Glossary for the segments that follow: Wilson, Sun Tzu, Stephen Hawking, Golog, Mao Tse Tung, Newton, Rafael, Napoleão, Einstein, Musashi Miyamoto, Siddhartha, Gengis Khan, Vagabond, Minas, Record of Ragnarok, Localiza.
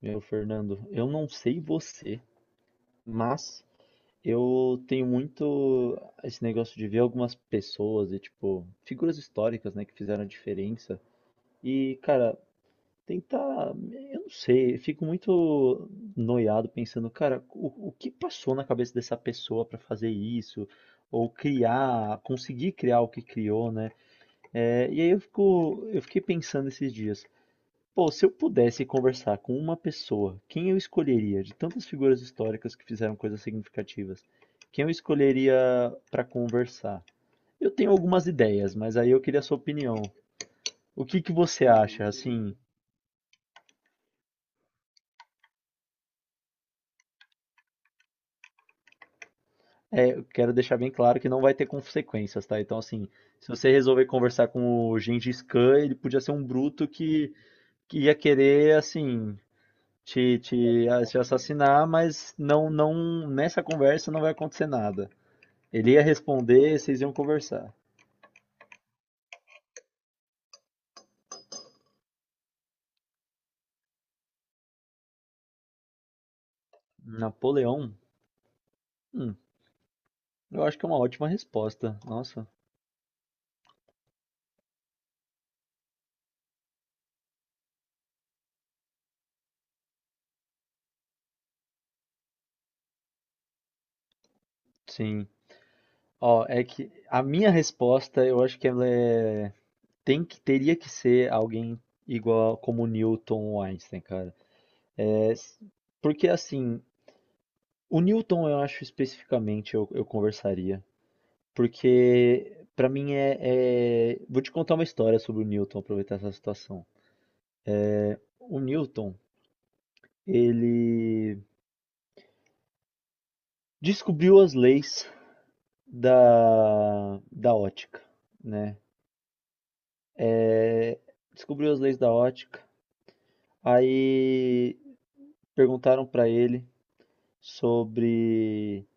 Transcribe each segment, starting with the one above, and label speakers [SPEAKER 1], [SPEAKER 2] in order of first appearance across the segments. [SPEAKER 1] Meu, Fernando, eu não sei você, mas eu tenho muito esse negócio de ver algumas pessoas e, tipo, figuras históricas, né, que fizeram a diferença. E, cara, tentar. Eu não sei, eu fico muito noiado pensando, cara, o que passou na cabeça dessa pessoa pra fazer isso? Ou criar, conseguir criar o que criou, né? É, e aí eu fiquei pensando esses dias. Pô, se eu pudesse conversar com uma pessoa, quem eu escolheria de tantas figuras históricas que fizeram coisas significativas? Quem eu escolheria para conversar? Eu tenho algumas ideias, mas aí eu queria a sua opinião. O que que você acha? Assim, eu quero deixar bem claro que não vai ter consequências, tá? Então, assim, se você resolver conversar com o Gengis Khan, ele podia ser um bruto que ia querer, assim, te assassinar, mas não, não, nessa conversa não vai acontecer nada. Ele ia responder, vocês iam conversar. Napoleão? Hum, eu acho que é uma ótima resposta. Nossa, sim. Ó, é que a minha resposta, eu acho que ela é... Teria que ser alguém igual como Newton ou Einstein, cara. É, s- Porque assim, o Newton eu acho especificamente eu conversaria. Porque pra mim vou te contar uma história sobre o Newton, aproveitar essa situação. O Newton, ele descobriu as leis da ótica, né? É, Descobriu as leis da ótica, aí perguntaram para ele sobre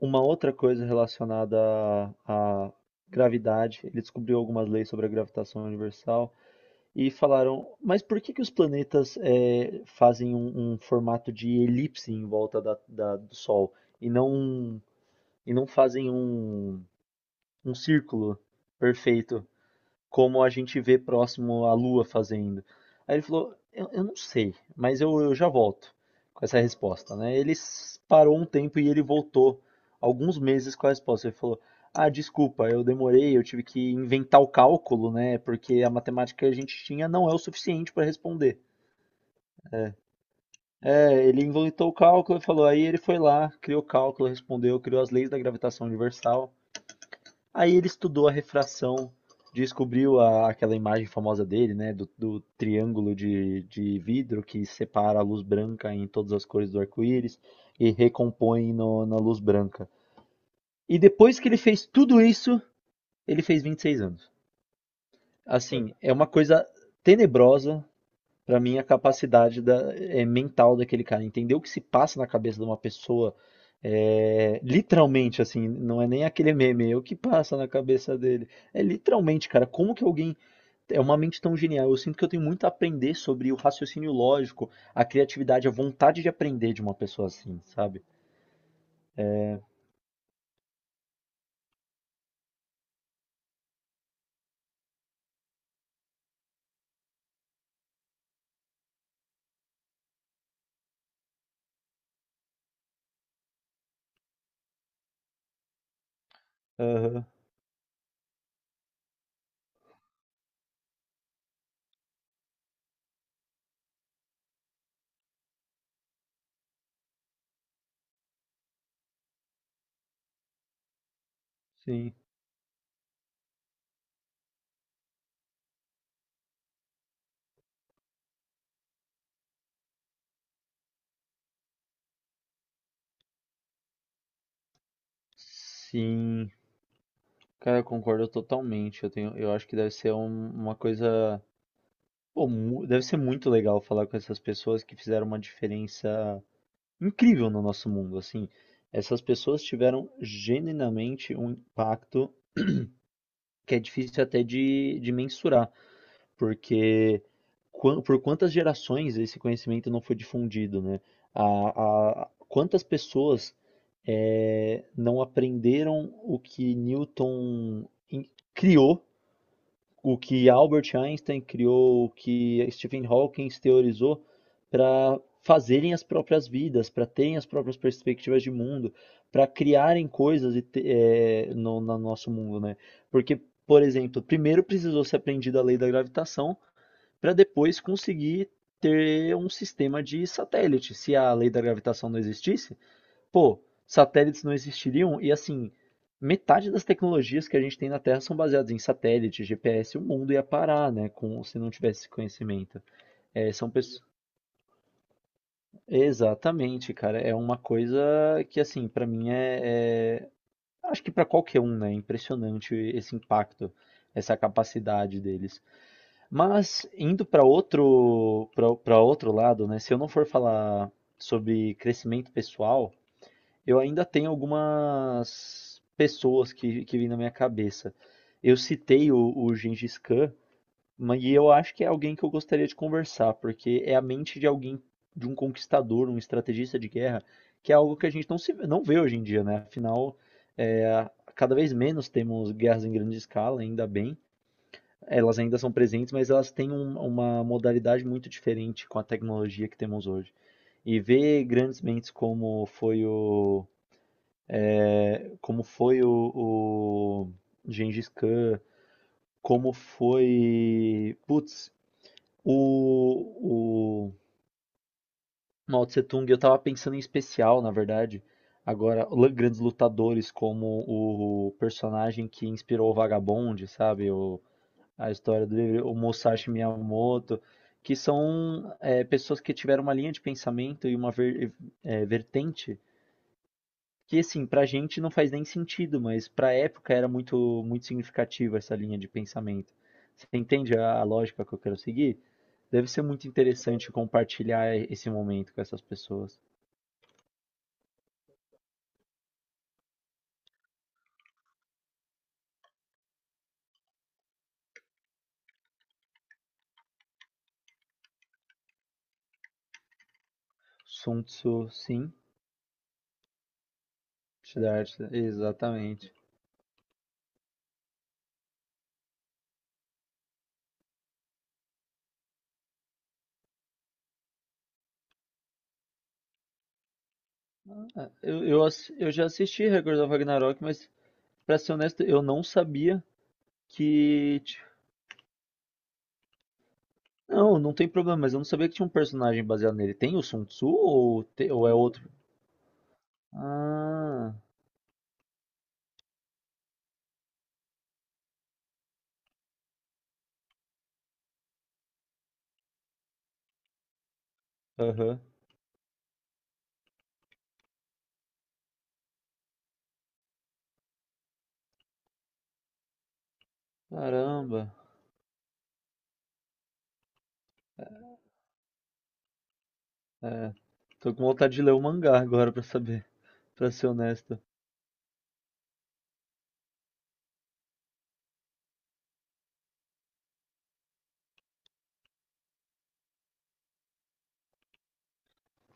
[SPEAKER 1] uma outra coisa relacionada à gravidade. Ele descobriu algumas leis sobre a gravitação universal e falaram, mas por que que os planetas fazem um formato de elipse em volta do Sol e não e não fazem um, um círculo perfeito, como a gente vê próximo à Lua fazendo. Aí ele falou: Eu não sei, mas eu já volto com essa resposta, né? Ele parou um tempo e ele voltou alguns meses com a resposta. Ele falou: Ah, desculpa, eu demorei, eu tive que inventar o cálculo, né? Porque a matemática que a gente tinha não é o suficiente para responder. Ele inventou o cálculo e falou: aí ele foi lá, criou o cálculo, respondeu, criou as leis da gravitação universal. Aí ele estudou a refração, descobriu aquela imagem famosa dele, né, do triângulo de vidro que separa a luz branca em todas as cores do arco-íris e recompõe na luz branca. E depois que ele fez tudo isso, ele fez 26 anos. Assim, é uma coisa tenebrosa, para mim, a capacidade mental daquele cara, entender o que se passa na cabeça de uma pessoa, literalmente, assim, não é nem aquele meme, é o que passa na cabeça dele. É literalmente, cara, como que alguém é uma mente tão genial? Eu sinto que eu tenho muito a aprender sobre o raciocínio lógico, a criatividade, a vontade de aprender de uma pessoa assim, sabe? Aham, sim. Sim, cara, eu concordo totalmente. Eu acho que deve ser uma coisa. Pô, deve ser muito legal falar com essas pessoas que fizeram uma diferença incrível no nosso mundo, assim. Essas pessoas tiveram genuinamente um impacto que é difícil até de mensurar, porque por quantas gerações esse conhecimento não foi difundido, né? Quantas pessoas não aprenderam o que Newton criou, o que Albert Einstein criou, o que Stephen Hawking teorizou para fazerem as próprias vidas, para terem as próprias perspectivas de mundo, para criarem coisas e no nosso mundo, né? Porque, por exemplo, primeiro precisou ser aprendida a lei da gravitação para depois conseguir ter um sistema de satélite. Se a lei da gravitação não existisse, pô, satélites não existiriam e, assim, metade das tecnologias que a gente tem na Terra são baseadas em satélite, GPS, o mundo ia parar, né, com se não tivesse esse conhecimento. São pessoas... Exatamente, cara, é uma coisa que, assim, pra mim acho que pra qualquer um, né, é impressionante esse impacto, essa capacidade deles. Mas indo pra outro para outro lado, né, se eu não for falar sobre crescimento pessoal, eu ainda tenho algumas pessoas que vêm na minha cabeça. Eu citei o Gengis Khan, mas e eu acho que é alguém que eu gostaria de conversar, porque é a mente de alguém, de um conquistador, um estrategista de guerra, que é algo que a gente não vê hoje em dia, né? Afinal, é, cada vez menos temos guerras em grande escala, ainda bem. Elas ainda são presentes, mas elas têm uma modalidade muito diferente com a tecnologia que temos hoje. E ver grandes mentes como foi o Gengis Khan, como foi. Putz, o Mao Tse Tung, eu tava pensando em especial, na verdade. Agora, grandes lutadores como o personagem que inspirou o Vagabond, sabe? A história do livro, o Musashi Miyamoto, que são pessoas que tiveram uma linha de pensamento e uma vertente que, assim, pra gente não faz nem sentido, mas pra época era muito muito significativa essa linha de pensamento. Você entende a lógica que eu quero seguir? Deve ser muito interessante compartilhar esse momento com essas pessoas. Sun Tzu, sim. Siddhartha, exatamente. Ah, eu já assisti Record of Ragnarok, mas, pra ser honesto, eu não sabia que. Não, não tem problema, mas eu não sabia que tinha um personagem baseado nele. Tem o Sun Tzu, ou é outro? Ah, aham. Caramba. É, Tô com vontade de ler o mangá agora pra saber, pra ser honesto.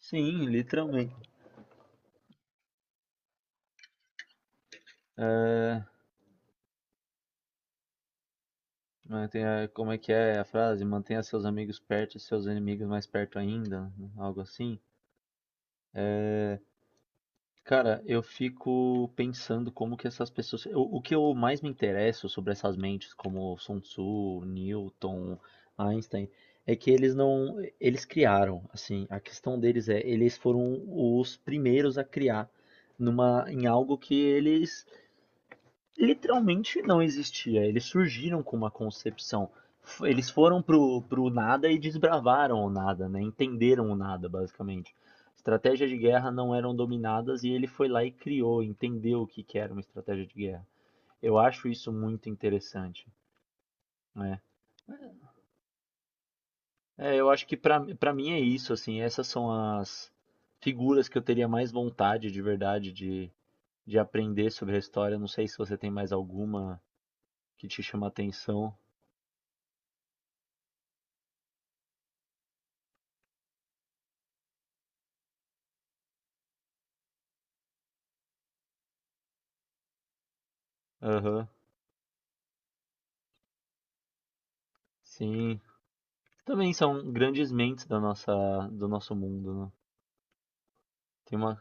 [SPEAKER 1] Sim, literalmente. Como é que é a frase? Mantenha seus amigos perto e seus inimigos mais perto ainda, né? Algo assim. Cara, eu fico pensando como que essas pessoas. O que eu mais me interesso sobre essas mentes, como Sun Tzu, Newton, Einstein, é que eles não. Eles criaram, assim. A questão deles é, eles foram os primeiros a criar em algo que eles literalmente não existia. Eles surgiram com uma concepção. Eles foram pro nada e desbravaram o nada, né? Entenderam o nada, basicamente. Estratégias de guerra não eram dominadas e ele foi lá e criou, entendeu o que que era uma estratégia de guerra. Eu acho isso muito interessante, né? Eu acho que pra para mim é isso, assim, essas são as figuras que eu teria mais vontade de verdade de aprender sobre a história. Não sei se você tem mais alguma que te chama atenção. Aham. Sim. Também são grandes mentes da nossa do nosso mundo, né. Tem uma.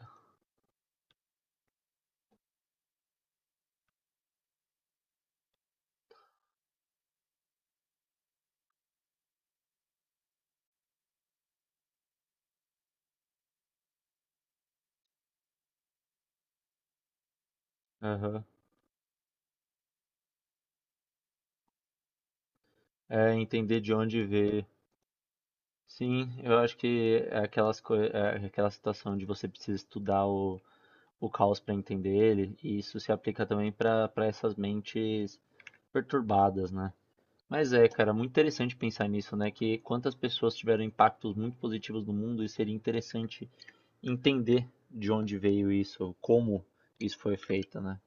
[SPEAKER 1] Aham. É, entender de onde veio. Sim, eu acho que é aquelas coi é aquela situação de você precisa estudar o caos para entender ele, e isso se aplica também para essas mentes perturbadas, né. Mas é, cara, muito interessante pensar nisso, né, que quantas pessoas tiveram impactos muito positivos no mundo e seria interessante entender de onde veio isso, como isso foi feito, né.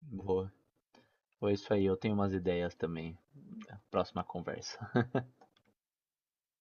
[SPEAKER 1] Boa. Foi isso aí, eu tenho umas ideias também. Próxima conversa.